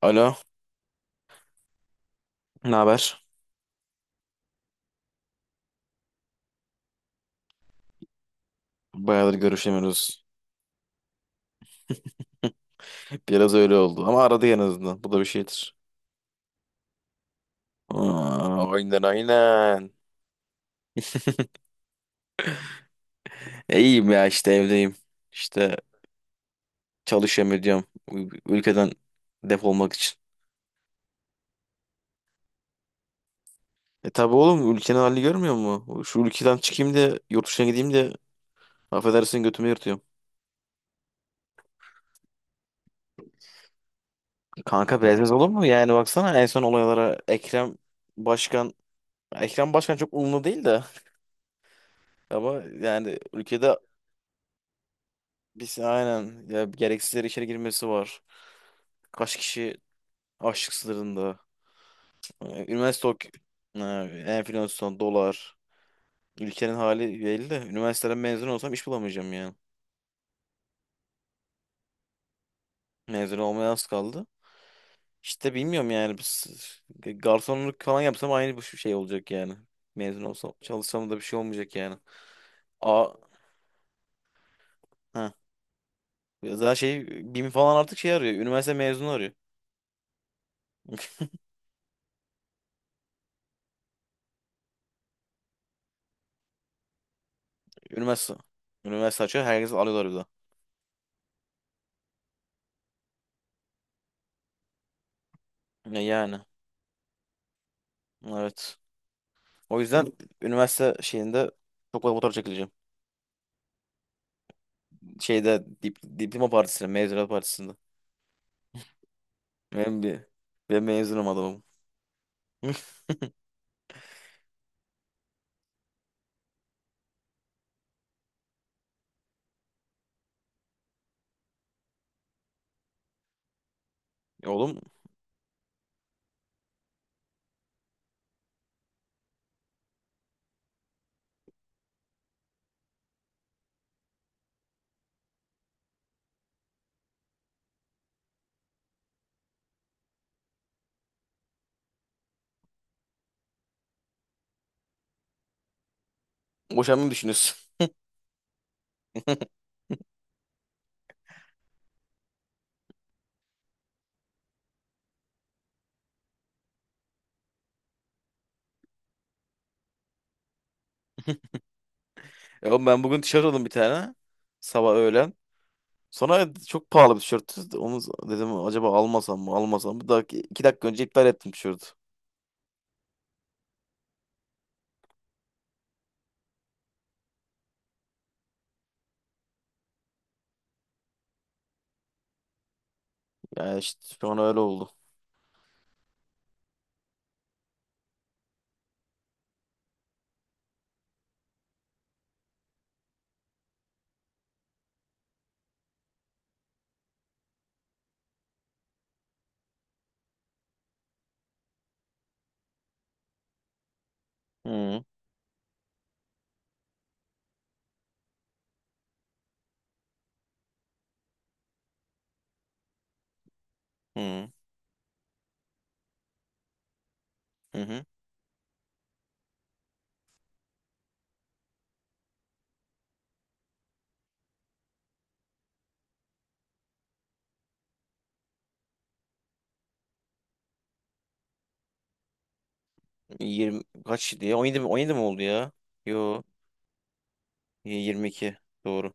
Alo, ne haber? Bayağıdır görüşemiyoruz. Biraz öyle oldu ama aradı en azından. Bu da bir şeydir. Aa, aynen aynen. İyiyim ya işte evdeyim. İşte çalışıyorum ediyorum. Ülkeden defolmak için. E tabi oğlum ülkenin halini görmüyor mu? Şu ülkeden çıkayım da yurt dışına gideyim de affedersin götümü yırtıyorum. Kanka biraz olur mu? Yani baksana en son olaylara Başkan Ekrem Başkan çok umurlu değil de ama yani ülkede. Biz aynen ya gereksiz yere içeri girmesi var. Kaç kişi açlık sınırında. Üniversite ok ee, enflasyon, dolar. Ülkenin hali belli de üniversiteden mezun olsam iş bulamayacağım yani. Mezun olmaya az kaldı. İşte bilmiyorum yani biz garsonluk falan yapsam aynı bu şey olacak yani. Mezun olsam çalışsam da bir şey olmayacak yani. A ha. Zaten şey BİM falan artık şey arıyor. Üniversite mezunu arıyor. Üniversite. Üniversite açıyor. Herkes alıyorlar bir de. Ya yani. Evet. O yüzden üniversite şeyinde çok fazla fotoğraf çekileceğim. Diploma partisinde, mezuniyet partisinde. Ben bir ben mezunum adamım. Oğlum boşanmayı düşünüyorsun. Oğlum ben bugün tişört aldım bir tane. Sabah öğlen. Sonra çok pahalı bir tişörttü. Onu dedim acaba almasam mı almasam mı? Daha 2 dakika önce iptal ettim tişörtü. Yani işte şu an öyle oldu. Hı hı hı. Hı. 20 kaç diye? 17 mi? 17 mi oldu ya? Yo, 22 doğru.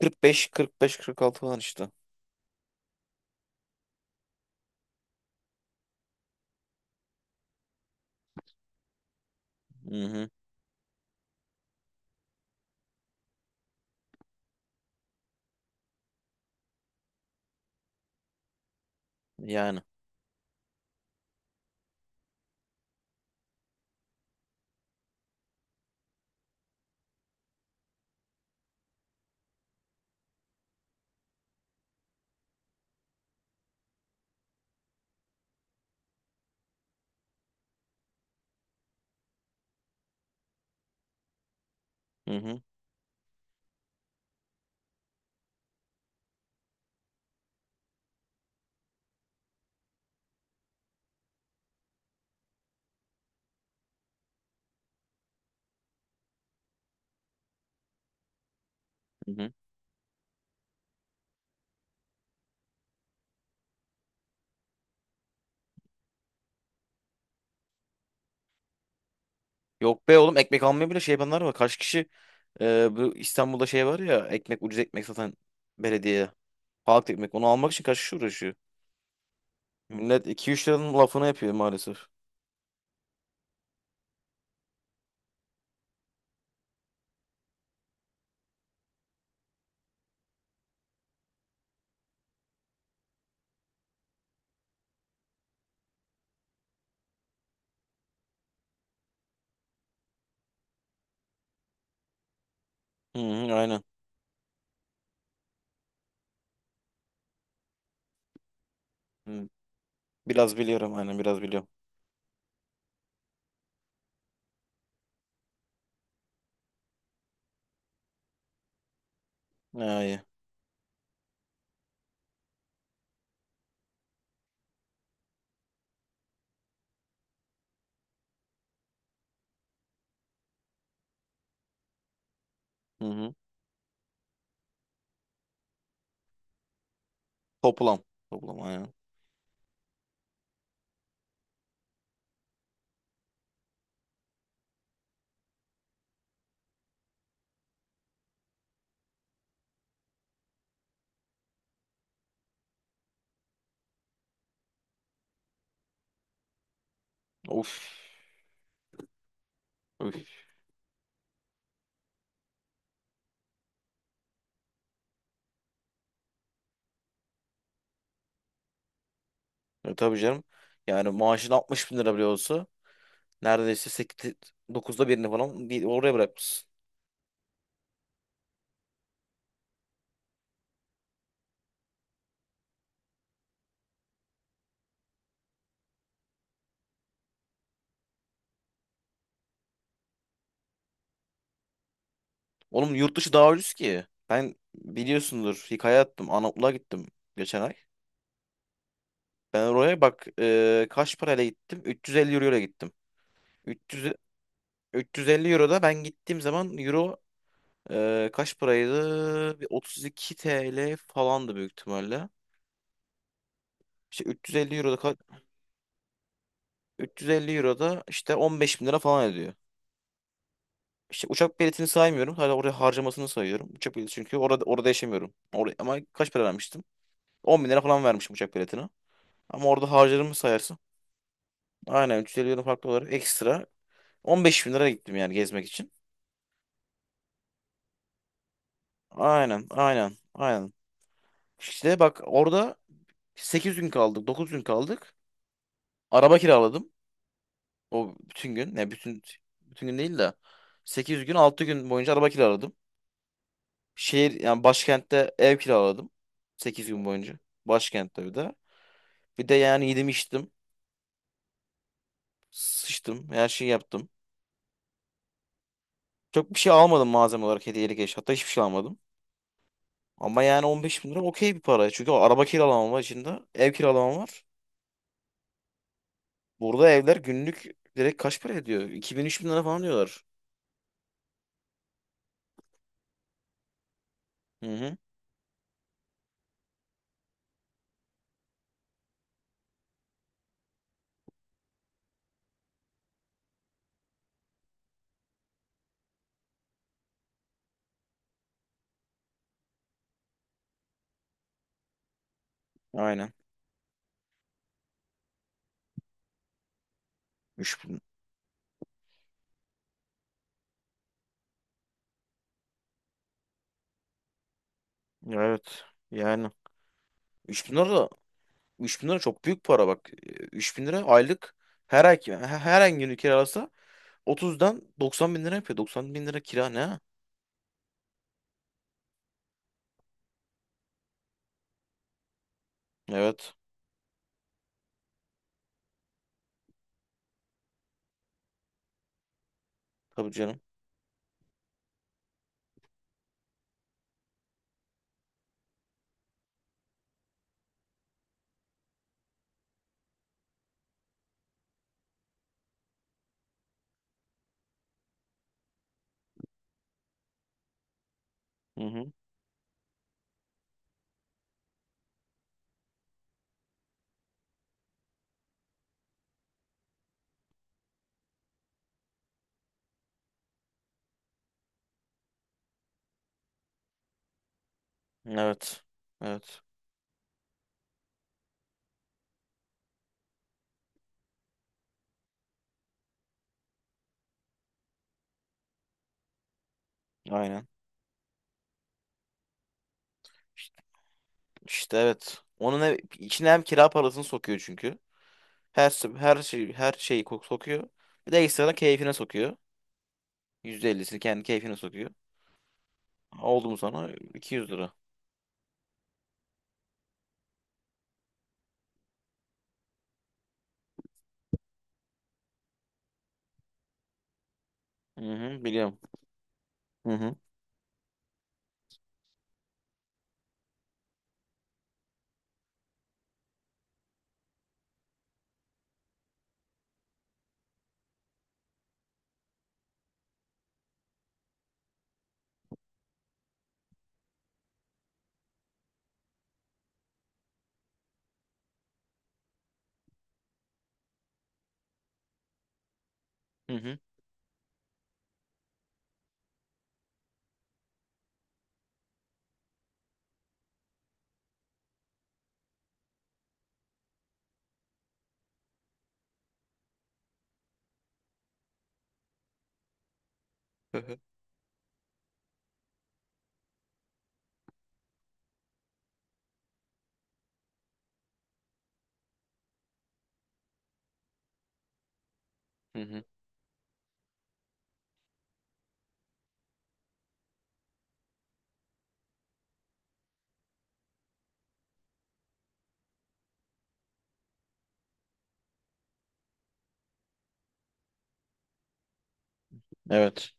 Kırk, kırk beş, kırk beş, kırk altı falan işte. Hı hı. Yani. Hı hı. Hı hı. Yok be oğlum ekmek almaya bile şey yapanlar var. Kaç kişi bu İstanbul'da şey var ya ekmek ucuz ekmek satan belediye. Halk ekmek onu almak için kaç kişi uğraşıyor. Millet 2-3 liranın lafını yapıyor maalesef. Hı hı, aynen. Hı. Biraz biliyorum aynen biraz biliyorum. Ha, iyi. Hı hı. Toplam. Toplam aynen. Of. Of. Tabii canım. Yani maaşın 60 bin lira bile olsa neredeyse 8, dokuzda birini falan oraya bırakmışsın. Oğlum yurt dışı daha ucuz ki. Ben biliyorsundur hikaye attım. Anadolu'ya gittim geçen ay. Ben oraya bak kaç parayla gittim? 350 euro ile gittim. 300, 350 euro da ben gittiğim zaman euro kaç paraydı? Bir 32 TL falandı büyük ihtimalle. İşte 350 euro da ka- 350 euro da işte 15 bin lira falan ediyor. İşte uçak biletini saymıyorum. Hala oraya harcamasını sayıyorum. Uçak bileti çünkü orada yaşamıyorum. Oraya, ama kaç para vermiştim? 10 bin lira falan vermişim uçak biletine. Ama orada harcadığımı sayarsın. Aynen 350 euro farklı olarak ekstra. 15 bin lira gittim yani gezmek için. Aynen aynen aynen. İşte bak orada 8 gün kaldık 9 gün kaldık. Araba kiraladım. O bütün gün. Ne bütün gün değil de 8 gün 6 gün boyunca araba kiraladım. Şehir yani başkentte ev kiraladım. Sekiz gün boyunca. Başkentte bir de. Bir de yani yedim içtim. Sıçtım. Her şeyi yaptım. Çok bir şey almadım malzeme olarak hediyelik eşya. Hatta hiçbir şey almadım. Ama yani 15 bin lira okey bir para. Çünkü araba kiralamam var içinde. Ev kiralamam var. Burada evler günlük direkt kaç para ediyor? 2000 bin lira falan diyorlar. Hı hı. Aynen. 3000. Evet. Yani 3 bin lira da 3000 lira çok büyük para bak. Üç bin lira aylık her ay günü kiralasa 30'dan 90 bin lira yapıyor. 90 bin lira kira ne? Evet. Tabii canım. Hı hı. Evet. Evet. Aynen. İşte evet. Onun içine hem kira parasını sokuyor çünkü. Her şeyi sokuyor. Bir de ekstradan keyfine sokuyor. %50'sini kendi keyfine sokuyor. Oldu mu sana 200 lira. Hı hı, biliyorum. Hı hı. Hı hı. Hı hı. Hı hı. Evet.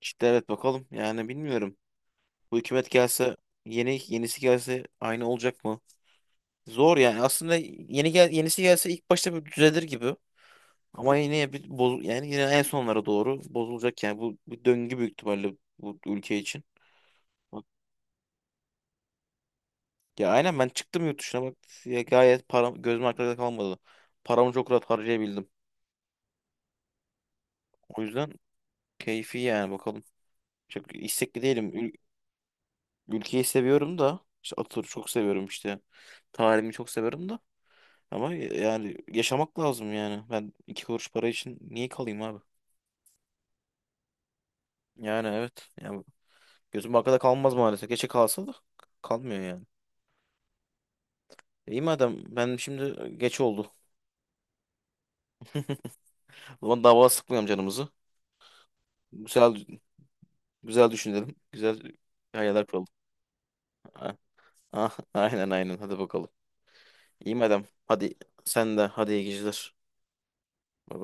İşte evet bakalım. Yani bilmiyorum. Bu hükümet gelse yenisi gelse aynı olacak mı? Zor yani. Aslında yenisi gelse ilk başta bir düzelir gibi. Ama yine bir boz yani yine en sonlara doğru bozulacak yani bu döngü büyük ihtimalle bu ülke için. Ya aynen ben çıktım yurt dışına bak ya gayet param gözüm arkada kalmadı. Paramı çok rahat harcayabildim. O yüzden keyfi yani bakalım. Çok istekli değilim. Ülkeyi seviyorum da işte Atatürk'ü çok seviyorum işte. Tarihimi çok seviyorum da. Ama yani yaşamak lazım yani. Ben iki kuruş para için niye kalayım abi? Yani evet. Yani gözüm arkada kalmaz maalesef. Geçe kalsa da kalmıyor yani. İyi madem ben şimdi geç oldu. O zaman daha fazla sıkmayalım canımızı. Güzel güzel düşünelim. Güzel hayaller kuralım. Ah, ah, aynen aynen hadi bakalım. İyi madem. Hadi sen de hadi iyi geceler. Bay bay.